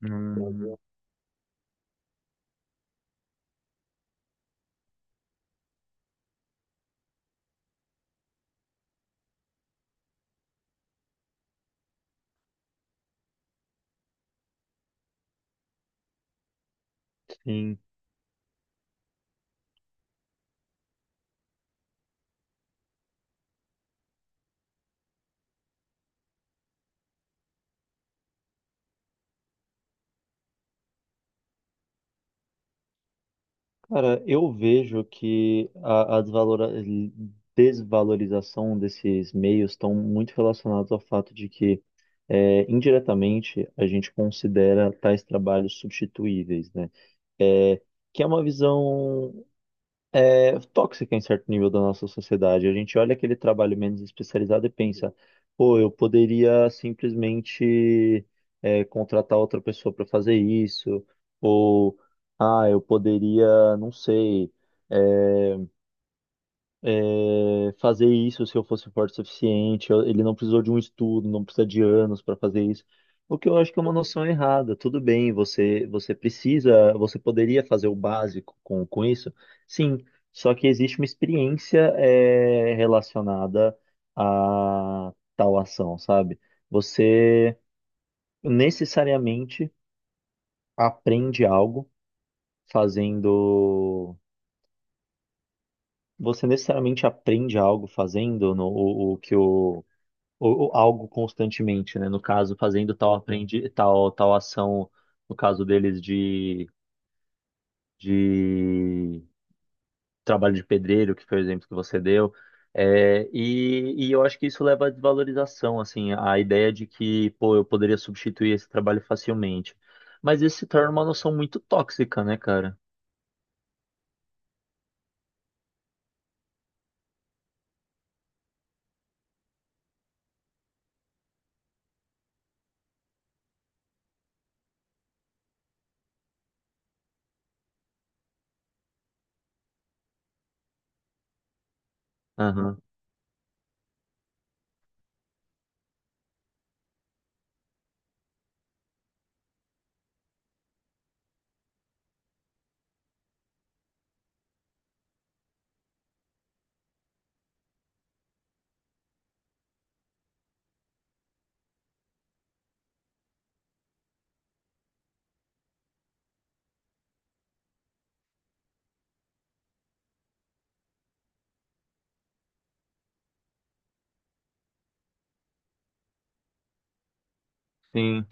Hum, sim. Cara, eu vejo que a desvalorização desses meios estão muito relacionados ao fato de que, indiretamente, a gente considera tais trabalhos substituíveis, né? É, que é uma visão é tóxica em certo nível da nossa sociedade. A gente olha aquele trabalho menos especializado e pensa, pô, eu poderia simplesmente contratar outra pessoa para fazer isso, ou ah, eu poderia, não sei. é, Fazer isso se eu fosse forte o suficiente. Ele não precisou de um estudo, não precisa de anos para fazer isso. O que eu acho que é uma noção errada. Tudo bem, você precisa, você poderia fazer o básico com isso, sim. Só que existe uma experiência relacionada a tal ação, sabe? Você necessariamente aprende algo fazendo. Você necessariamente aprende algo fazendo no- o que o ou algo constantemente, né? No caso, fazendo tal aprendi tal ação, no caso deles de trabalho de pedreiro, que foi o exemplo que você deu. É, e eu acho que isso leva à desvalorização, assim, a ideia de que, pô, eu poderia substituir esse trabalho facilmente. Mas isso se torna uma noção muito tóxica, né, cara? Aham. Sim,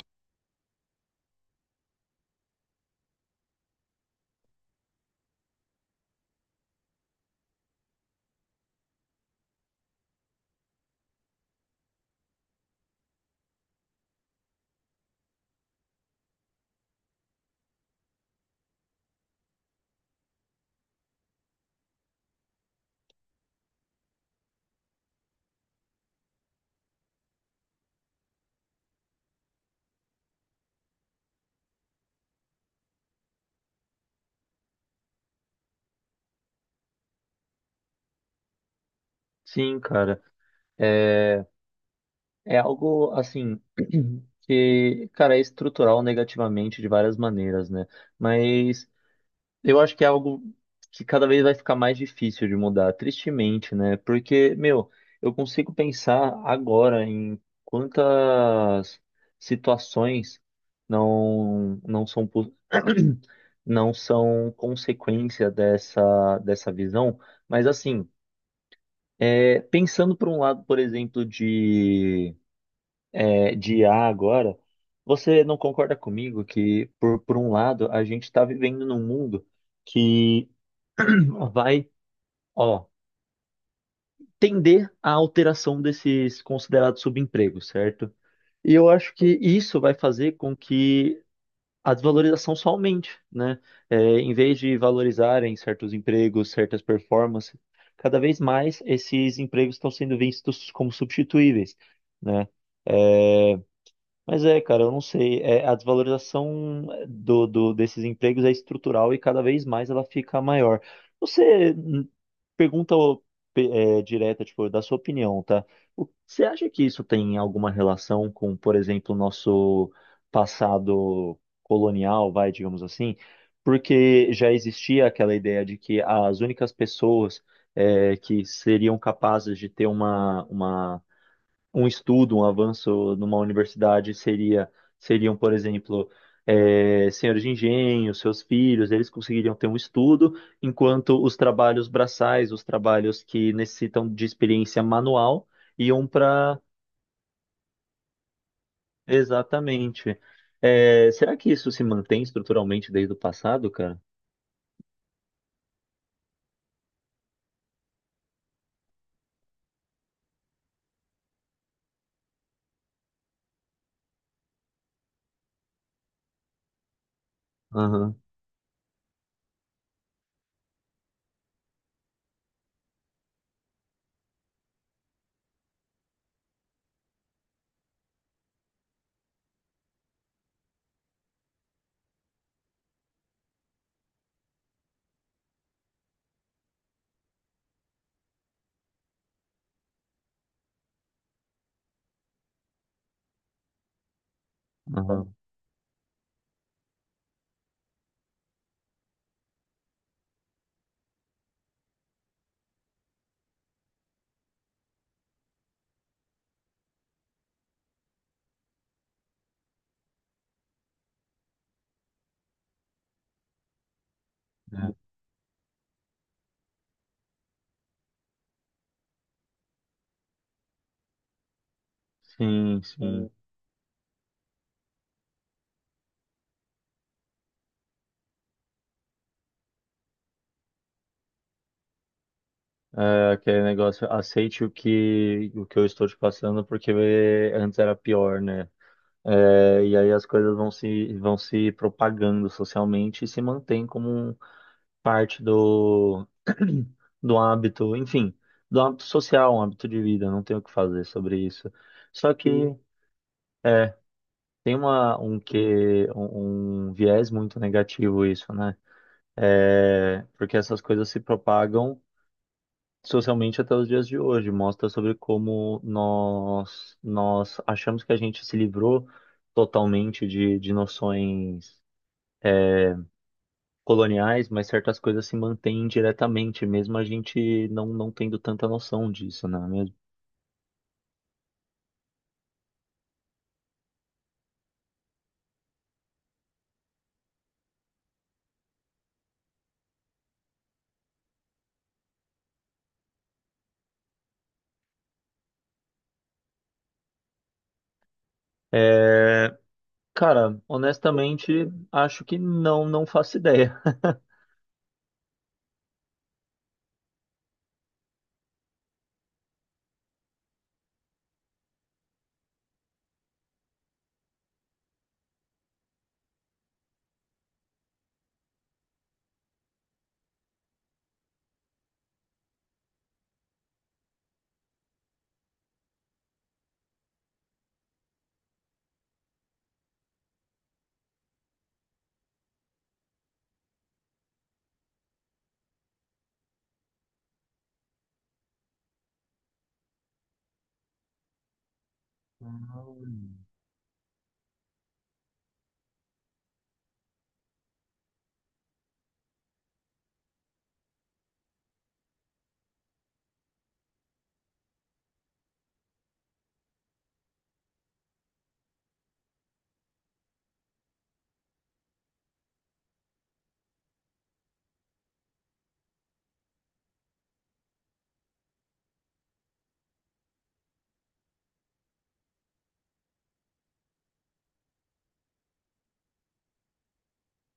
sim, cara. É, É algo assim que, cara, é estrutural negativamente de várias maneiras, né? Mas eu acho que é algo que cada vez vai ficar mais difícil de mudar, tristemente, né? Porque, meu, eu consigo pensar agora em quantas situações não são não são consequência dessa visão, mas assim, pensando por um lado, por exemplo, de I a agora, você não concorda comigo que, por um lado, a gente está vivendo num mundo que vai, ó, tender à alteração desses considerados subempregos, certo? E eu acho que isso vai fazer com que a desvalorização só aumente, né? Em vez de valorizarem certos empregos, certas performances, cada vez mais esses empregos estão sendo vistos como substituíveis, né? Eh, Mas é, cara, eu não sei. A desvalorização desses empregos é estrutural e cada vez mais ela fica maior. Você pergunta ô, direta, tipo, da sua opinião, tá? Você acha que isso tem alguma relação com, por exemplo, o nosso passado colonial, vai, digamos assim? Porque já existia aquela ideia de que as únicas pessoas que seriam capazes de ter uma um estudo, um avanço numa universidade seriam, por exemplo, senhores de engenho, seus filhos, eles conseguiriam ter um estudo, enquanto os trabalhos braçais, os trabalhos que necessitam de experiência manual, iam para. Exatamente. Será que isso se mantém estruturalmente desde o passado, cara? Aham, aham. É. Sim, sim. É, aquele negócio, aceite o que eu estou te passando, porque antes era pior, né? É, e aí as coisas vão se propagando socialmente e se mantém como parte do hábito, enfim, do hábito social, um hábito de vida, não tem o que fazer sobre isso. Só, sim, que, sim, é, tem uma, um que um viés muito negativo isso, né? É, porque essas coisas se propagam socialmente até os dias de hoje, mostra sobre como nós achamos que a gente se livrou totalmente de noções coloniais, mas certas coisas se mantêm diretamente, mesmo a gente não tendo tanta noção disso, não é mesmo? É, cara, honestamente, acho que não faço ideia. Hum.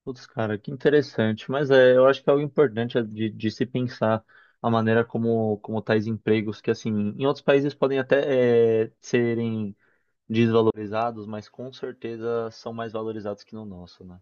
Putz, cara, que interessante. Mas é, eu acho que é algo importante de se pensar a maneira como tais empregos, que assim, em outros países podem até serem desvalorizados, mas com certeza são mais valorizados que no nosso, né?